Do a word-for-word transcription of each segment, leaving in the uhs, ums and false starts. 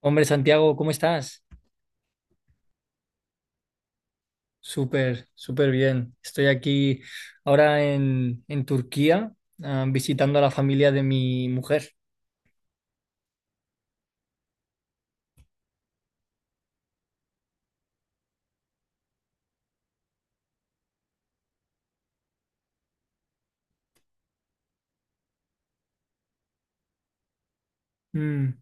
Hombre, Santiago, ¿cómo estás? Súper, súper bien. Estoy aquí ahora en, en Turquía, ah, visitando a la familia de mi mujer. Mm.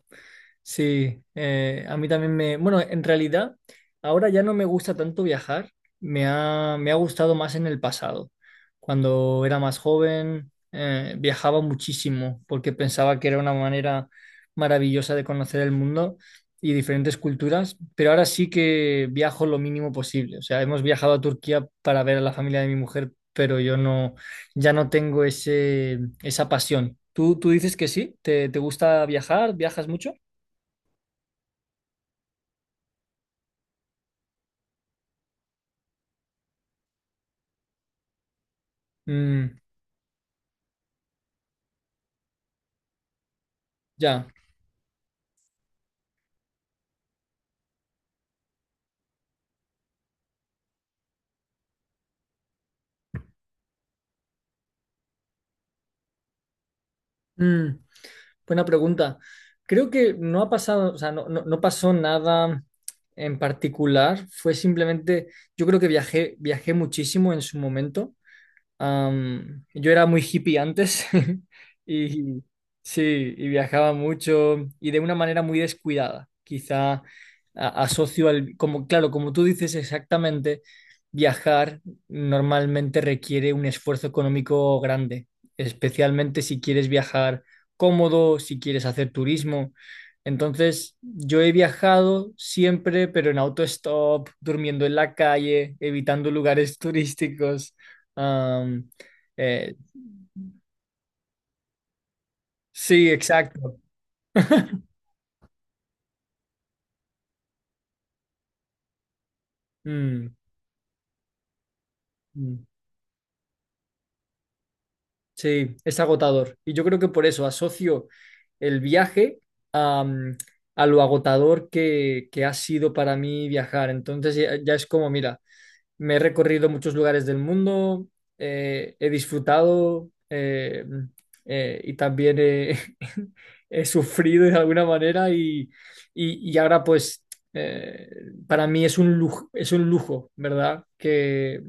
Sí, eh, a mí también me... Bueno, en realidad, ahora ya no me gusta tanto viajar, me ha, me ha gustado más en el pasado. Cuando era más joven, eh, viajaba muchísimo porque pensaba que era una manera maravillosa de conocer el mundo y diferentes culturas, pero ahora sí que viajo lo mínimo posible. O sea, hemos viajado a Turquía para ver a la familia de mi mujer, pero yo no, ya no tengo ese, esa pasión. ¿Tú, tú dices que sí? ¿Te, te gusta viajar? ¿Viajas mucho? Mm, ya. Mm, buena pregunta. Creo que no ha pasado, o sea, no, no- no pasó nada en particular. Fue simplemente, yo creo que viajé, viajé muchísimo en su momento. Am, yo era muy hippie antes y sí, y viajaba mucho y de una manera muy descuidada. Quizá a- asocio al, como, claro, como tú dices exactamente, viajar normalmente requiere un esfuerzo económico grande, especialmente si quieres viajar cómodo, si quieres hacer turismo. Entonces, yo he viajado siempre, pero en autostop, durmiendo en la calle, evitando lugares turísticos. Am, eh, sí, exacto. Mm, mm. Sí, es agotador. Y yo creo que por eso asocio el viaje am, a, lo agotador que, que ha sido para mí viajar. Entonces ya, ya es como, mira, me he recorrido muchos lugares del mundo, eh, he disfrutado eh, eh, y también he, he sufrido de alguna manera y, y- y ahora pues eh, para mí es un lujo, es un lujo, ¿verdad? Que,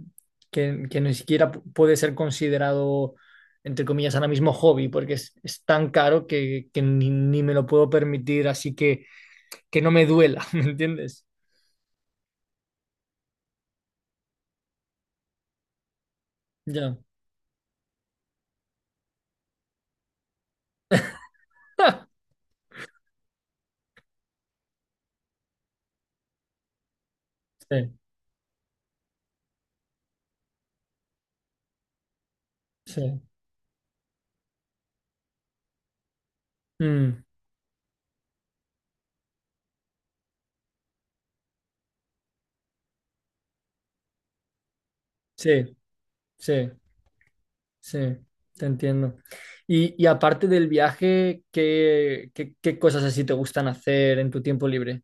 que, que ni siquiera pu- puede ser considerado, entre comillas, ahora mismo hobby, porque es, es tan caro que, que ni, ni me lo puedo permitir, así que que no me duela, ¿me entiendes? Ya. Sí, sí. Mm. Sí, sí, sí, te entiendo. Y, y aparte del viaje, ¿qué, qué, qué cosas así te gustan hacer en tu tiempo libre?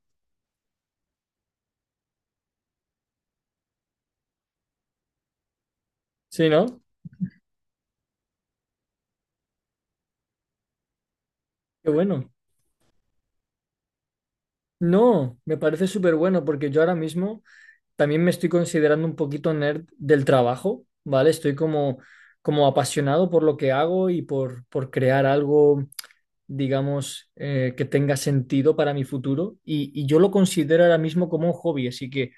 Sí, ¿no? Qué bueno. No, me parece súper bueno porque yo ahora mismo también me estoy considerando un poquito nerd del trabajo, ¿vale? Estoy como, como apasionado por lo que hago y por, por crear algo digamos, eh, que tenga sentido para mi futuro y, y yo lo considero ahora mismo como un hobby, así que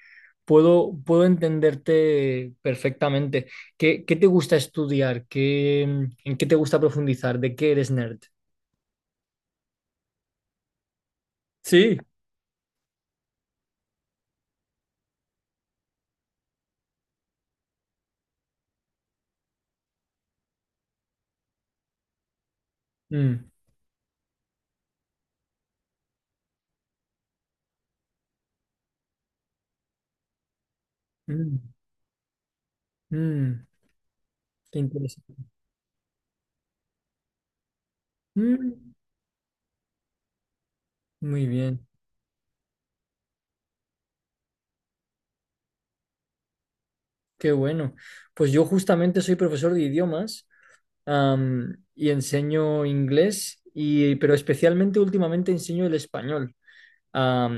puedo, puedo entenderte perfectamente. ¿Qué, qué te gusta estudiar? ¿Qué, mm, en qué te gusta profundizar? ¿De qué eres nerd? Sí, mm, mm, mm, qué interesante. Mm, muy bien, qué bueno. Pues yo justamente soy profesor de idiomas, am, y enseño inglés, y, pero especialmente últimamente enseño el español. A,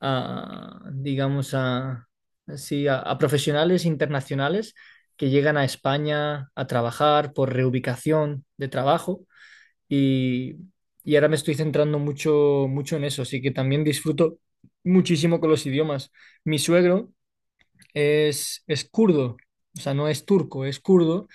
a, digamos, a, sí, a, a profesionales internacionales que llegan a España a trabajar por reubicación de trabajo y, y ahora me estoy centrando mucho, mucho en eso, así que también disfruto muchísimo con los idiomas. Mi suegro es, es kurdo, o sea, no es turco, es kurdo.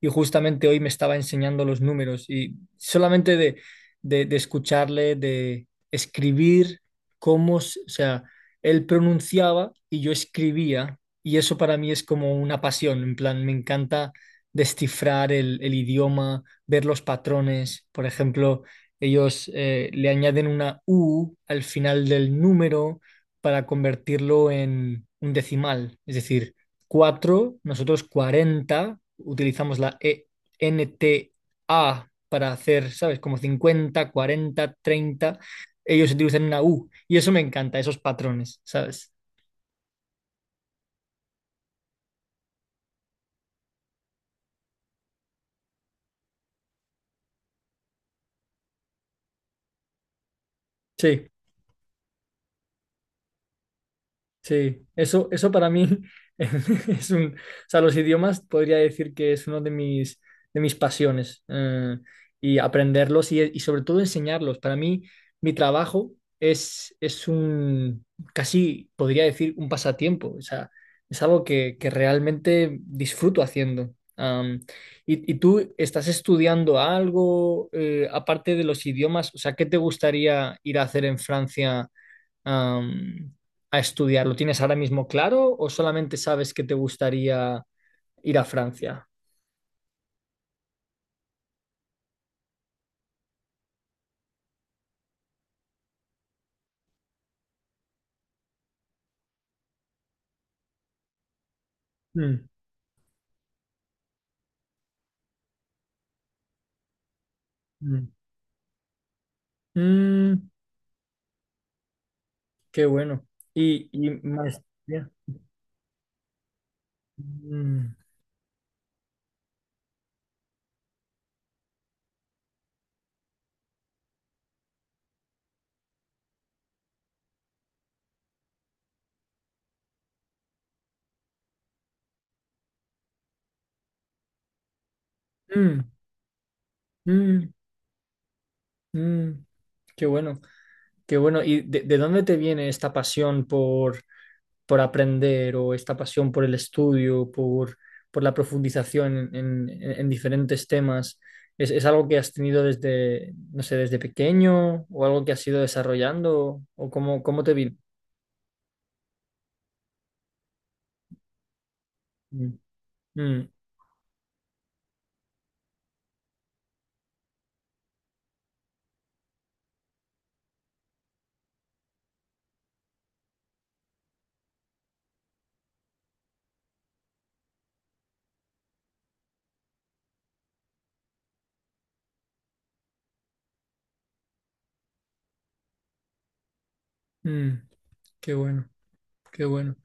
Y justamente hoy me estaba enseñando los números y solamente de, de, de escucharle, de escribir cómo, s- o sea, él pronunciaba y yo escribía. Y eso para mí es como una pasión, en plan, me encanta descifrar el, el idioma, ver los patrones. Por ejemplo, ellos eh, le añaden una U al final del número para convertirlo en un decimal. Es decir, cuatro nosotros cuarenta utilizamos la e N T A para hacer, ¿sabes? Como cincuenta cuarenta treinta ellos utilizan una U. Y eso me encanta, esos patrones, ¿sabes? Sí. Sí, eso, eso para mí es un, o sea, los idiomas podría decir que es uno de mis, de mis pasiones eh, y aprenderlos y, y sobre todo enseñarlos. Para mí, mi trabajo es, es un, casi podría decir un pasatiempo, o sea, es algo que, que realmente disfruto haciendo. Am, y, y tú estás estudiando algo eh, aparte de los idiomas? O sea, ¿qué te gustaría ir a hacer en Francia? am, a estudiar? ¿Lo tienes ahora mismo claro o solamente sabes que te gustaría ir a Francia? Mm, mm. Mm, qué bueno. Y, y maestría. Mm, mm, mm, mm. Qué bueno, qué bueno. ¿Y de, de dónde te viene esta pasión por, por aprender o esta pasión por el estudio, por, por la profundización en, en- en diferentes temas, ¿es, es algo que has tenido desde, no sé, desde pequeño o algo que has ido desarrollando o cómo, cómo te vino? Mm, mm, mm, qué bueno, qué bueno.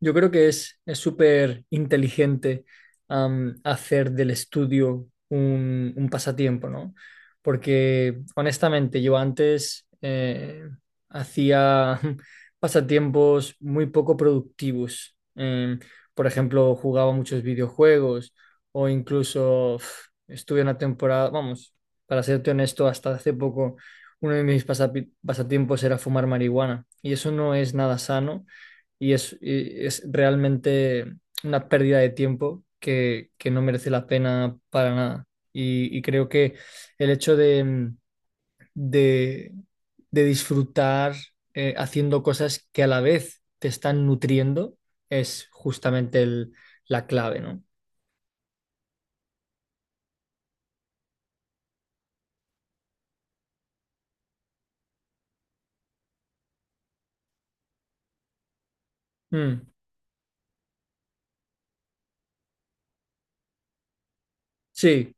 Yo creo que es es súper inteligente am, hacer del estudio un, un pasatiempo, ¿no? Porque honestamente yo antes eh, hacía pasatiempos muy poco productivos. Em, por ejemplo, jugaba muchos videojuegos o incluso uf, estuve una temporada, vamos, para serte honesto, hasta hace poco uno de mis pasapi- pasatiempos era fumar marihuana y eso no es nada sano y es, y es realmente una pérdida de tiempo que, que no merece la pena para nada. Y, y creo que el hecho de, mm, de, de disfrutar eh, haciendo cosas que a la vez te están nutriendo es justamente el- la clave, ¿no? Mm, sí.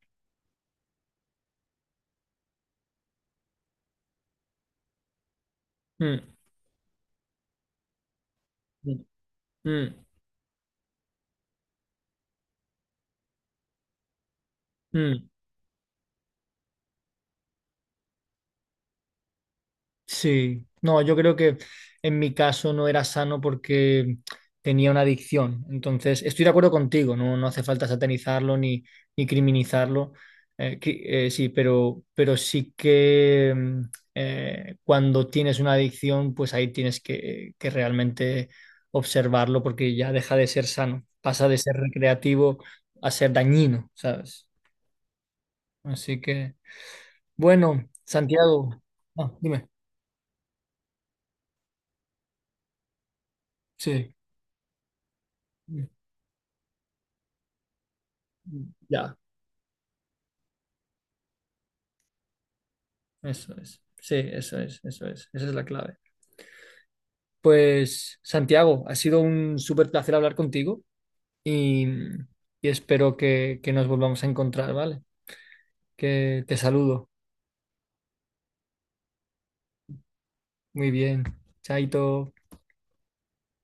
Mm, mm, mm, mm. Sí, no, yo creo que en mi caso no era sano porque tenía una adicción. Entonces, estoy de acuerdo contigo, no, no hace falta satanizarlo ni, ni criminalizarlo. Eh, cri- eh, sí, pero, pero sí que mm, eh, cuando tienes una adicción, pues ahí tienes que, que realmente observarlo porque ya deja de ser sano, pasa de ser recreativo a ser dañino, ¿sabes? Así que, bueno, Santiago, ah, dime, sí. Ya. Eso es. Sí, eso es, eso es. Esa es la clave. Pues, Santiago, ha sido un súper placer hablar contigo y, y espero que, que nos volvamos a encontrar, ¿vale? Que te saludo. Muy bien. Chaito.